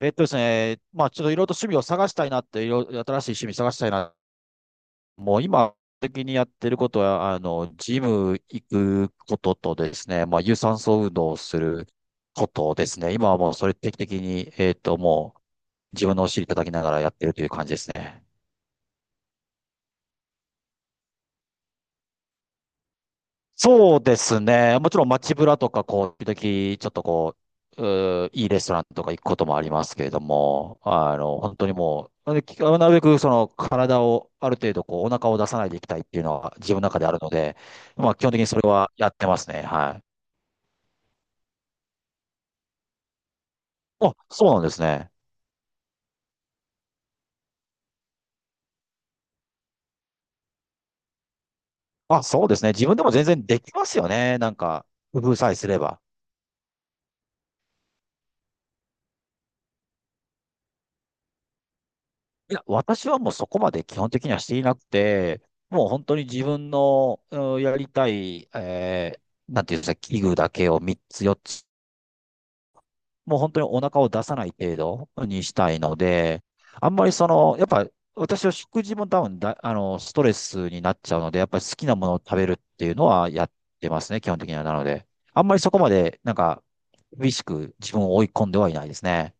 えっとですね、まあ、ちょっといろいろと趣味を探したいなって、いろいろ新しい趣味探したいな。もう今、的にやってることは、ジム行くこととですね、まあ、有酸素運動をすることですね。今はもうそれ定期的に、もう自分のお尻叩きながらやってるという感じですね。そうですね。もちろん街ブラとか、こう、時々、ちょっとこう、いいレストランとか行くこともありますけれども、本当にもう、できなるべくその体をある程度こうお腹を出さないでいきたいっていうのは自分の中であるので、まあ基本的にそれはやってますね。はい。あ、そうなんですね。あ、そうですね。自分でも全然できますよね。なんか、工夫さえすれば。いや、私はもうそこまで基本的にはしていなくて、もう本当に自分の、やりたい、なんていうんですか、器具だけを3つ4つ、もう本当にお腹を出さない程度にしたいので、あんまりその、やっぱ私は食事も多分だ、ストレスになっちゃうので、やっぱり好きなものを食べるっていうのはやってますね、基本的には。なので、あんまりそこまで、なんか、厳しく自分を追い込んではいないですね。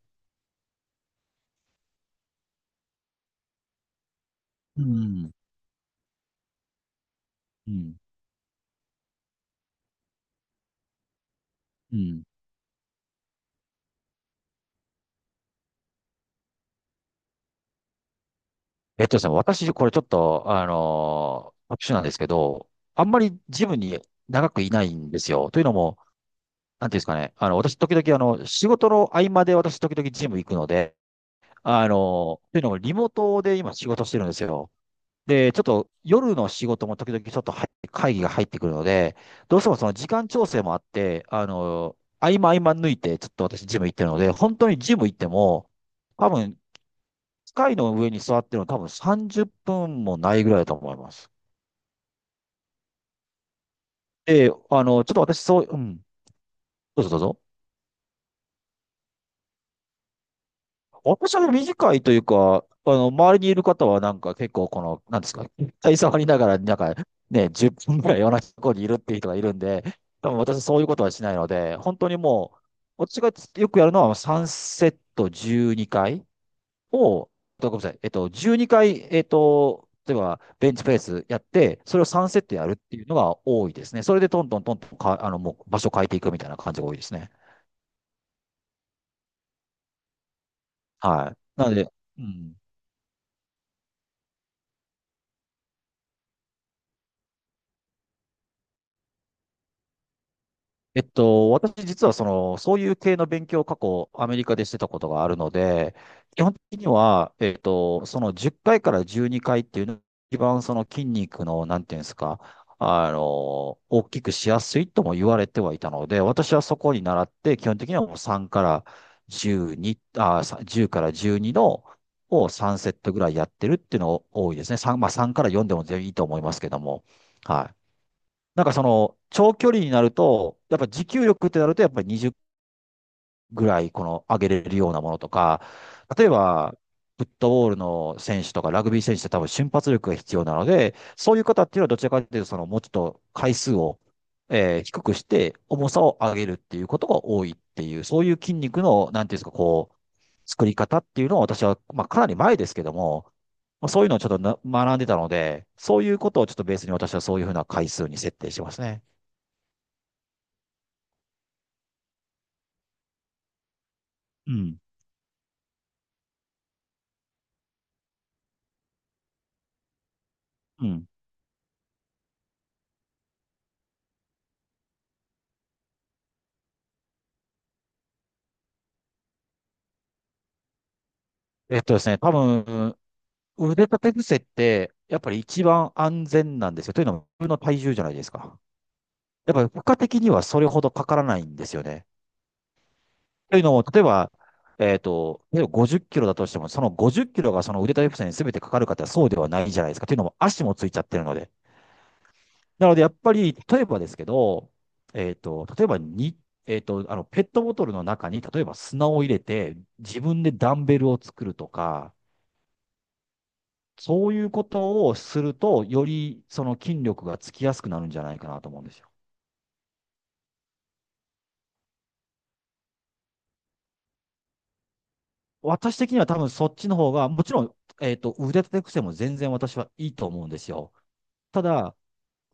うん。うん。うん。えっとですね、私、これちょっと、特殊なんですけど、あんまりジムに長くいないんですよ。というのも、なんていうんですかね、私、時々、仕事の合間で私、時々ジム行くので、というのも、リモートで今仕事してるんですよ。で、ちょっと夜の仕事も時々ちょっと入会議が入ってくるので、どうしてもその時間調整もあって、合間合間抜いて、ちょっと私、ジム行ってるので、本当にジム行っても、多分、機械の上に座ってるの多分30分もないぐらいだと思います。で、ちょっと私そう、うん、どうぞどうぞ。私は短いというか、周りにいる方はなんか結構この、なんですか、携帯触りながら、なんかね、10分ぐらい同じところにいるっていう人がいるんで、多分私そういうことはしないので、本当にもう、私がよくやるのは3セット12回を、ごめんなさい、12回、例えばベンチプレスやって、それを3セットやるっていうのが多いですね。それでトントントントンか、もう場所変えていくみたいな感じが多いですね。はい。なので、うん。私実はその、そういう系の勉強を過去アメリカでしてたことがあるので、基本的には、その10回かいから12回っていうのが一番その筋肉の、なんていうんですか、大きくしやすいとも言われてはいたので、私はそこに習って、基本的にはもう3から12、10から12のを3セットぐらいやってるっていうのが多いですね。3、まあ3から4でも全然いいと思いますけども。はい。なんかその、長距離になると、やっぱ持久力ってなると、やっぱり20ぐらいこの上げれるようなものとか、例えば、フットボールの選手とかラグビー選手って多分瞬発力が必要なので、そういう方っていうのはどちらかというと、そのもうちょっと回数を、低くして重さを上げるっていうことが多いっていう、そういう筋肉の、なんていうんですか、こう、作り方っていうのを私は、まあかなり前ですけども、まあそういうのをちょっとな学んでたので、そういうことをちょっとベースに私はそういうふうな回数に設定してますね。うん。うん。えっとですね、多分、腕立て伏せって、やっぱり一番安全なんですよ。というのも、自分の体重じゃないですか。やっぱり負荷的にはそれほどかからないんですよね。というのも、例えば50キロだとしても、その50キロがその腕立て伏せに全てかかるかってそうではないじゃないですか。というのも、足もついちゃってるので。なので、やっぱり、例えばですけど、えっと、例えばに、えっと、あの、ペットボトルの中に、例えば砂を入れて、自分でダンベルを作るとか、そういうことをすると、よりその筋力がつきやすくなるんじゃないかなと思うんですよ。私的には多分そっちの方が、もちろん、腕立て伏せも全然私はいいと思うんですよ。ただ、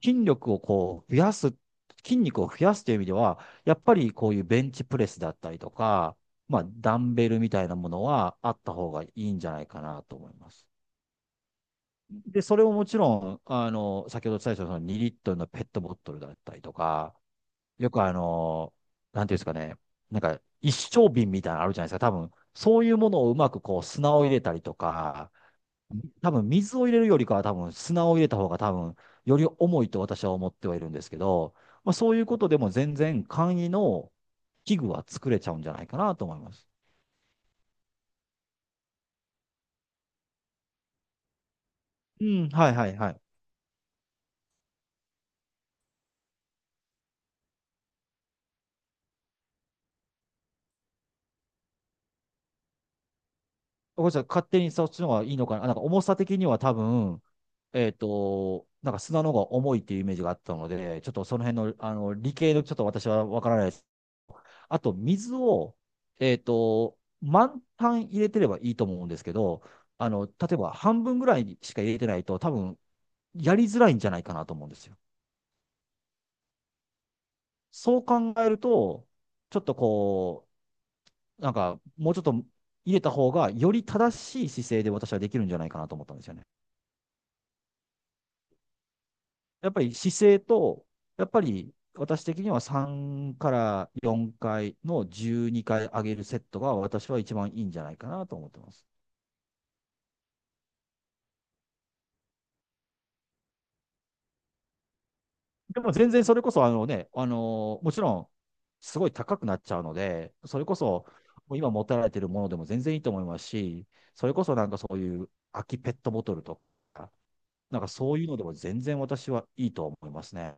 筋力をこう増やす、筋肉を増やすという意味では、やっぱりこういうベンチプレスだったりとか、まあ、ダンベルみたいなものはあった方がいいんじゃないかなと思います。で、それをもちろん、先ほどお伝えしたその2リットルのペットボトルだったりとか、よくなんていうんですかね、なんか一升瓶みたいなのあるじゃないですか、多分。そういうものをうまくこう砂を入れたりとか、多分水を入れるよりかは多分砂を入れた方が多分より重いと私は思ってはいるんですけど、まあ、そういうことでも全然簡易の器具は作れちゃうんじゃないかなと思います。うん、はいはいはい。ごめんなさい、勝手にそっちの方がいいのかな。なんか重さ的には多分、なんか砂の方が重いっていうイメージがあったので、ちょっとその辺の、あの理系のちょっと私は分からないあと、水を、満タン入れてればいいと思うんですけど、例えば半分ぐらいしか入れてないと、多分、やりづらいんじゃないかなと思うんですよ。そう考えると、ちょっとこう、なんか、もうちょっと入れた方が、より正しい姿勢で私はできるんじゃないかなと思ったんですよね。やっぱり姿勢と、やっぱり私的には3から4回の12回上げるセットが私は一番いいんじゃないかなと思ってます。でも全然それこそ、あのね、もちろん、すごい高くなっちゃうので、それこそ、もう今持たれてるものでも全然いいと思いますし、それこそなんかそういう空きペットボトルとか、なんかそういうのでも全然私はいいと思いますね。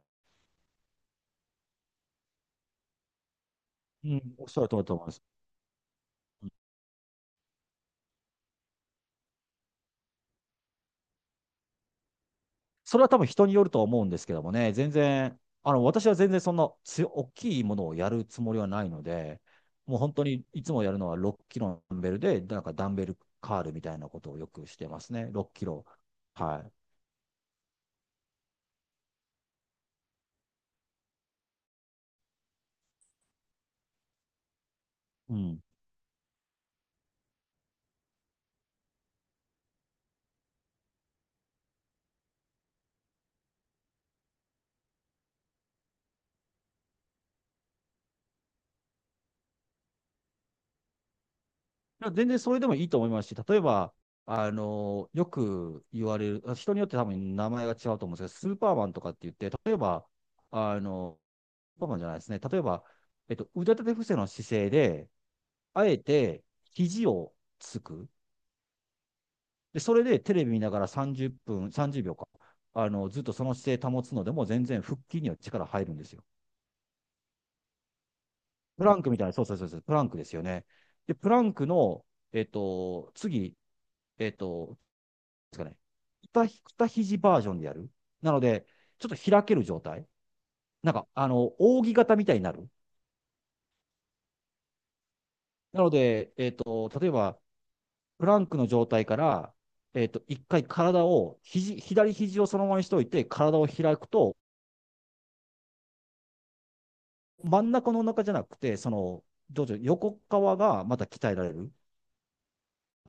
うん、おっしゃる通りだと思います。それは多分人によると思うんですけどもね、全然、私は全然そんな強大きいものをやるつもりはないので、もう本当にいつもやるのは6キロのダンベルで、なんかダンベルカールみたいなことをよくしてますね。6キロ。はい。うん。だから全然それでもいいと思いますし、例えば、よく言われる、人によって多分名前が違うと思うんですけど、スーパーマンとかって言って、例えば、あの、スーパーマンじゃないですね。例えば、腕立て伏せの姿勢で、あえて肘をつく。で、それでテレビ見ながら30分、30秒か。ずっとその姿勢保つのでも全然腹筋には力入るんですよ。プランクみたいな、そうそうそうそう、プランクですよね。で、プランクの、次、えっと、ですかね、二肘バージョンでやる。なので、ちょっと開ける状態。なんか、扇形みたいになる。なので、例えば、プランクの状態から、1回体を、左肘をそのままにしておいて、体を開くと、真ん中のお腹じゃなくて、その、どうぞ横側がまた鍛えられる。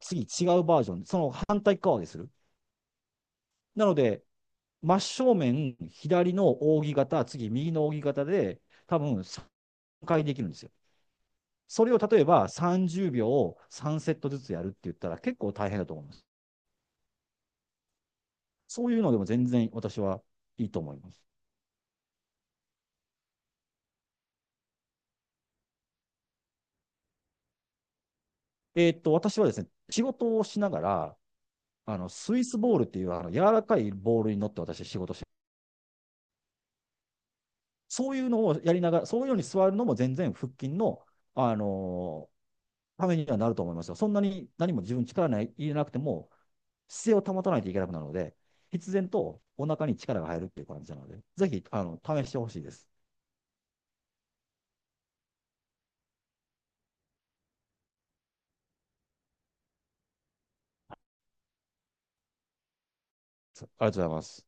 次、違うバージョン、その反対側でする。なので、真正面、左の扇形、次、右の扇形で、多分3回できるんですよ。それを例えば30秒を3セットずつやるって言ったら結構大変だと思います。そういうのでも全然私はいいと思います。私はですね、仕事をしながら、スイスボールっていう、柔らかいボールに乗って私は仕事して、そういうのをやりながら、そういうように座るのも全然腹筋の、あのーためにはなると思いますよ。そんなに何も自分力ない入れなくても、姿勢を保たないといけなくなるので、必然とお腹に力が入るっていう感じなので、ぜひ、試してほしいです。ありがとうございます。